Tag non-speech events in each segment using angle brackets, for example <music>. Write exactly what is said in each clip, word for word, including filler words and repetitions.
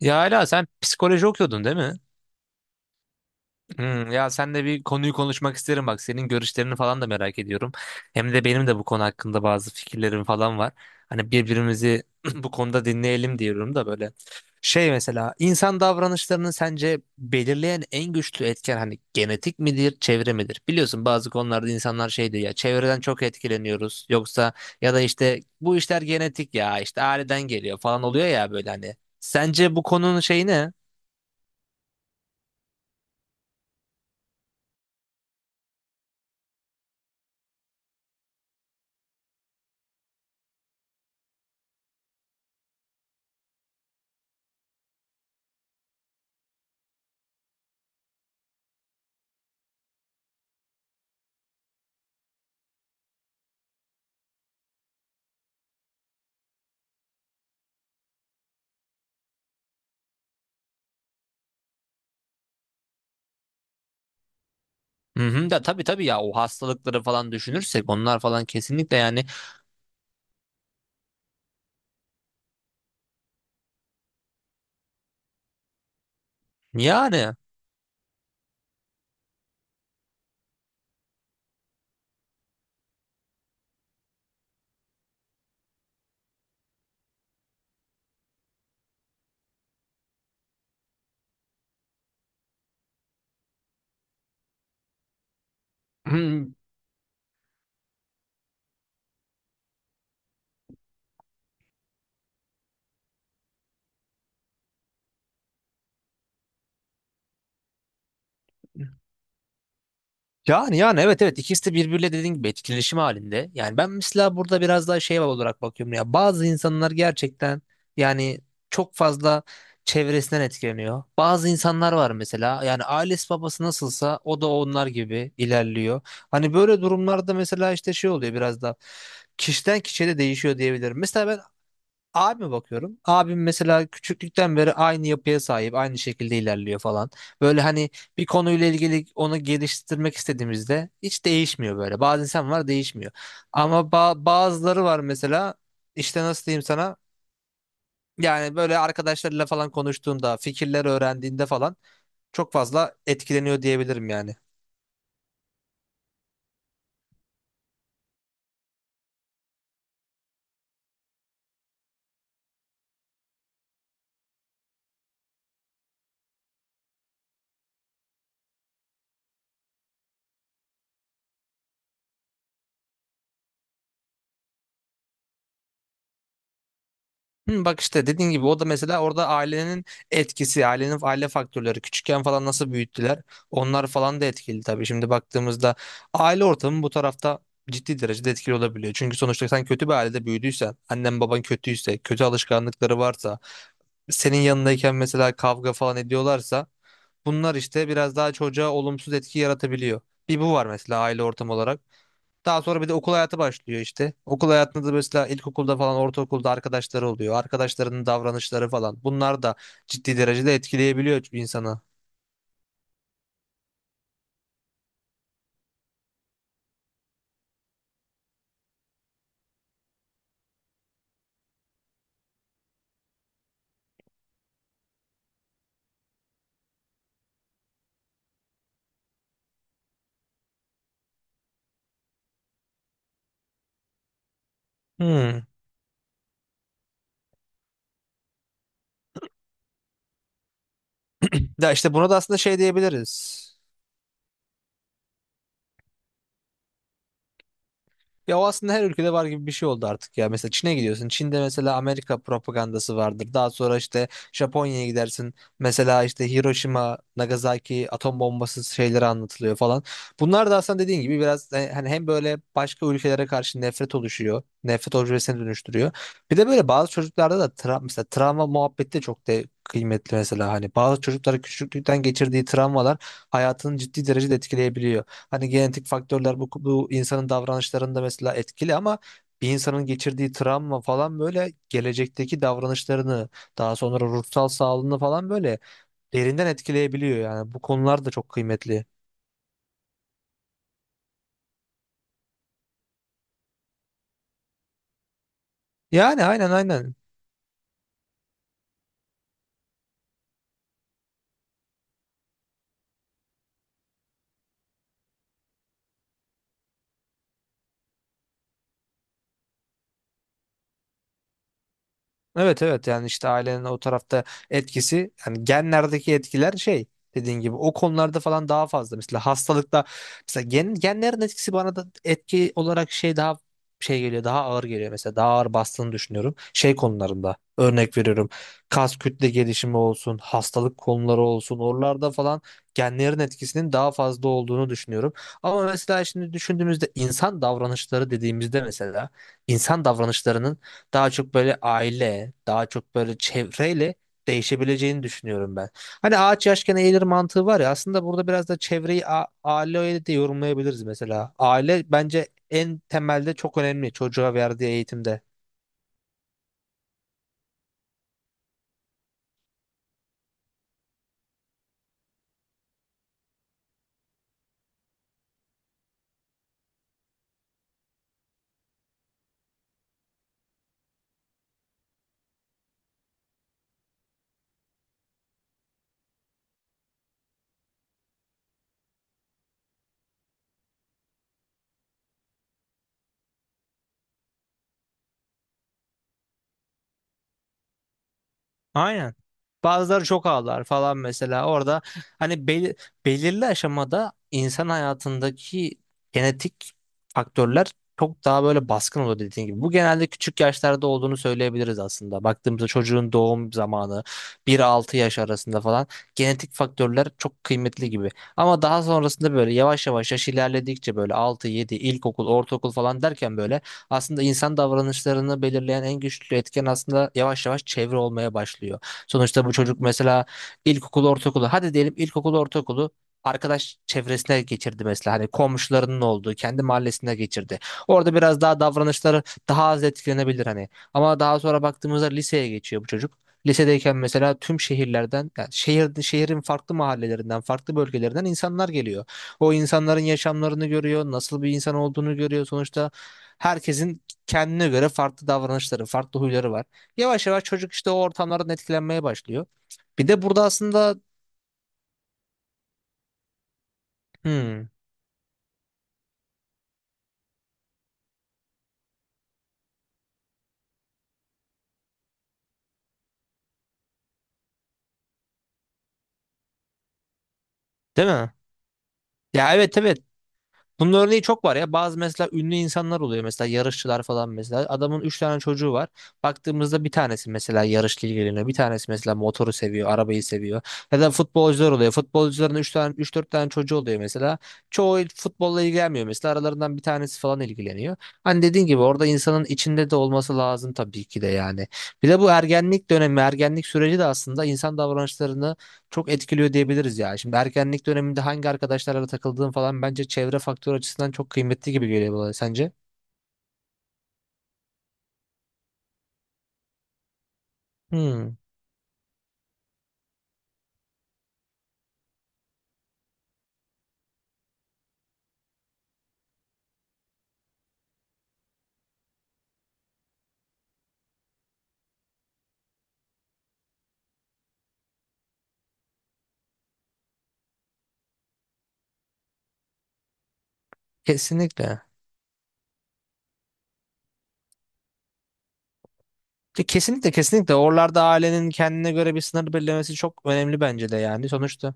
Ya hala sen psikoloji okuyordun değil mi? Hmm, ya senle bir konuyu konuşmak isterim bak. Senin görüşlerini falan da merak ediyorum. Hem de benim de bu konu hakkında bazı fikirlerim falan var. Hani birbirimizi <clears throat> bu konuda dinleyelim diyorum da böyle. Şey mesela insan davranışlarını sence belirleyen en güçlü etken hani genetik midir, çevre midir? Biliyorsun bazı konularda insanlar şey diyor ya çevreden çok etkileniyoruz yoksa ya da işte bu işler genetik ya işte aileden geliyor falan oluyor ya böyle hani. Sence bu konunun şeyi ne? Hı hı, da tabii tabii ya o hastalıkları falan düşünürsek onlar falan kesinlikle yani yani hmm, yani yani evet evet ikisi de birbiriyle dediğin gibi etkileşim halinde. Yani ben mesela burada biraz daha şey olarak bakıyorum ya bazı insanlar gerçekten yani çok fazla çevresinden etkileniyor. Bazı insanlar var mesela yani ailesi babası nasılsa o da onlar gibi ilerliyor. Hani böyle durumlarda mesela işte şey oluyor biraz da kişiden kişiye de değişiyor diyebilirim. Mesela ben abime bakıyorum. Abim mesela küçüklükten beri aynı yapıya sahip, aynı şekilde ilerliyor falan. Böyle hani bir konuyla ilgili onu geliştirmek istediğimizde hiç değişmiyor böyle. Bazı insan var değişmiyor. Ama ba- bazıları var mesela işte nasıl diyeyim sana? Yani böyle arkadaşlarıyla falan konuştuğunda, fikirler öğrendiğinde falan çok fazla etkileniyor diyebilirim yani. Hı, bak işte dediğin gibi o da mesela orada ailenin etkisi, ailenin aile faktörleri küçükken falan nasıl büyüttüler onlar falan da etkili tabii. Şimdi baktığımızda aile ortamı bu tarafta ciddi derecede etkili olabiliyor. Çünkü sonuçta sen kötü bir ailede büyüdüysen, annen baban kötüyse, kötü alışkanlıkları varsa, senin yanındayken mesela kavga falan ediyorlarsa bunlar işte biraz daha çocuğa olumsuz etki yaratabiliyor. Bir bu var mesela aile ortamı olarak. Daha sonra bir de okul hayatı başlıyor işte. Okul hayatında da mesela ilkokulda falan ortaokulda arkadaşları oluyor. Arkadaşlarının davranışları falan. Bunlar da ciddi derecede etkileyebiliyor insanı. Hmm. Ya işte buna da aslında şey diyebiliriz. Ya o aslında her ülkede var gibi bir şey oldu artık ya. Mesela Çin'e gidiyorsun. Çin'de mesela Amerika propagandası vardır. Daha sonra işte Japonya'ya gidersin. Mesela işte Hiroşima, Nagasaki atom bombası şeyleri anlatılıyor falan. Bunlar da aslında dediğin gibi biraz e, hani hem böyle başka ülkelere karşı nefret oluşuyor. Nefret objesine dönüştürüyor. Bir de böyle bazı çocuklarda da tra- mesela travma muhabbeti de çok de kıymetli mesela. Hani bazı çocuklar küçüklükten geçirdiği travmalar hayatını ciddi derecede etkileyebiliyor. Hani genetik faktörler bu, bu insanın davranışlarında mesela etkili ama bir insanın geçirdiği travma falan böyle gelecekteki davranışlarını daha sonra ruhsal sağlığını falan böyle derinden etkileyebiliyor yani bu konular da çok kıymetli. Yani aynen aynen. Evet evet yani işte ailenin o tarafta etkisi yani genlerdeki etkiler şey dediğin gibi o konularda falan daha fazla. Mesela hastalıkta mesela gen, genlerin etkisi bana da etki olarak şey daha şey geliyor daha ağır geliyor mesela daha ağır bastığını düşünüyorum. Şey konularında örnek veriyorum kas kütle gelişimi olsun hastalık konuları olsun oralarda falan genlerin etkisinin daha fazla olduğunu düşünüyorum. Ama mesela şimdi düşündüğümüzde insan davranışları dediğimizde mesela insan davranışlarının daha çok böyle aile, daha çok böyle çevreyle değişebileceğini düşünüyorum ben. Hani ağaç yaşken eğilir mantığı var ya aslında burada biraz da çevreyi a- aileyle de yorumlayabiliriz mesela. Aile bence en temelde çok önemli çocuğa verdiği eğitimde. Aynen. Bazıları çok ağlar falan mesela. Orada hani bel- belirli aşamada insan hayatındaki genetik faktörler çok daha böyle baskın oluyor dediğin gibi. Bu genelde küçük yaşlarda olduğunu söyleyebiliriz aslında. Baktığımızda çocuğun doğum zamanı bir altı yaş arasında falan genetik faktörler çok kıymetli gibi. Ama daha sonrasında böyle yavaş yavaş yaş ilerledikçe böyle altı yedi ilkokul, ortaokul falan derken böyle aslında insan davranışlarını belirleyen en güçlü etken aslında yavaş yavaş çevre olmaya başlıyor. Sonuçta bu çocuk mesela ilkokulu, ortaokulu, hadi diyelim ilkokulu, ortaokulu arkadaş çevresine geçirdi mesela hani komşularının olduğu kendi mahallesine geçirdi. Orada biraz daha davranışları daha az etkilenebilir hani. Ama daha sonra baktığımızda liseye geçiyor bu çocuk. Lisedeyken mesela tüm şehirlerden, yani şehir, şehrin farklı mahallelerinden, farklı bölgelerinden insanlar geliyor. O insanların yaşamlarını görüyor, nasıl bir insan olduğunu görüyor. Sonuçta herkesin kendine göre farklı davranışları, farklı huyları var. Yavaş yavaş çocuk işte o ortamlardan etkilenmeye başlıyor. Bir de burada aslında hmm, değil mi? Ya evet evet, bunun örneği çok var ya. Bazı mesela ünlü insanlar oluyor mesela yarışçılar falan mesela. Adamın üç tane çocuğu var. Baktığımızda bir tanesi mesela yarışla ilgileniyor. Bir tanesi mesela motoru seviyor, arabayı seviyor. Ya da futbolcular oluyor. Futbolcuların üç tane üç dört tane çocuğu oluyor mesela. Çoğu futbolla ilgilenmiyor mesela. Aralarından bir tanesi falan ilgileniyor. Hani dediğin gibi orada insanın içinde de olması lazım tabii ki de yani. Bir de bu ergenlik dönemi, ergenlik süreci de aslında insan davranışlarını çok etkiliyor diyebiliriz ya. Şimdi ergenlik döneminde hangi arkadaşlarla takıldığın falan bence çevre faktörü açısından çok kıymetli gibi geliyor bana sence? Hmm, kesinlikle. Ke- Kesinlikle kesinlikle oralarda ailenin kendine göre bir sınır belirlemesi çok önemli bence de yani sonuçta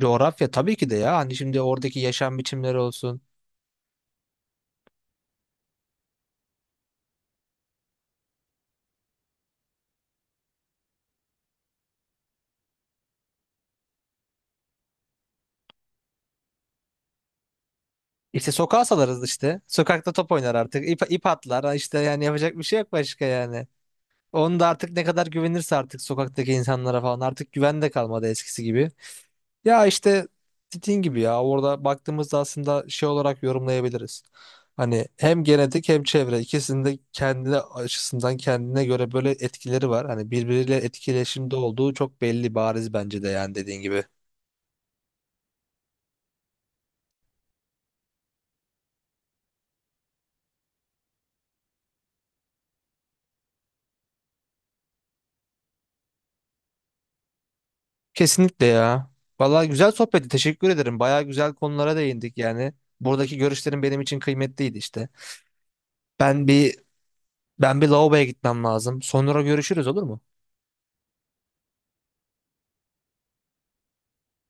coğrafya tabii ki de ya hani şimdi oradaki yaşam biçimleri olsun. İşte sokağa salarız işte sokakta top oynar artık ip, ip atlar. Ha işte yani yapacak bir şey yok başka yani onu da artık ne kadar güvenirse artık sokaktaki insanlara falan artık güven de kalmadı eskisi gibi. Ya işte dediğin gibi ya orada baktığımızda aslında şey olarak yorumlayabiliriz. Hani hem genetik hem çevre ikisinin de kendi açısından kendine göre böyle etkileri var. Hani birbiriyle etkileşimde olduğu çok belli bariz bence de yani dediğin gibi. Kesinlikle ya. Vallahi güzel sohbetti. Teşekkür ederim. Bayağı güzel konulara değindik yani. Buradaki görüşlerin benim için kıymetliydi işte. Ben bir ben bir lavaboya gitmem lazım. Sonra görüşürüz olur mu?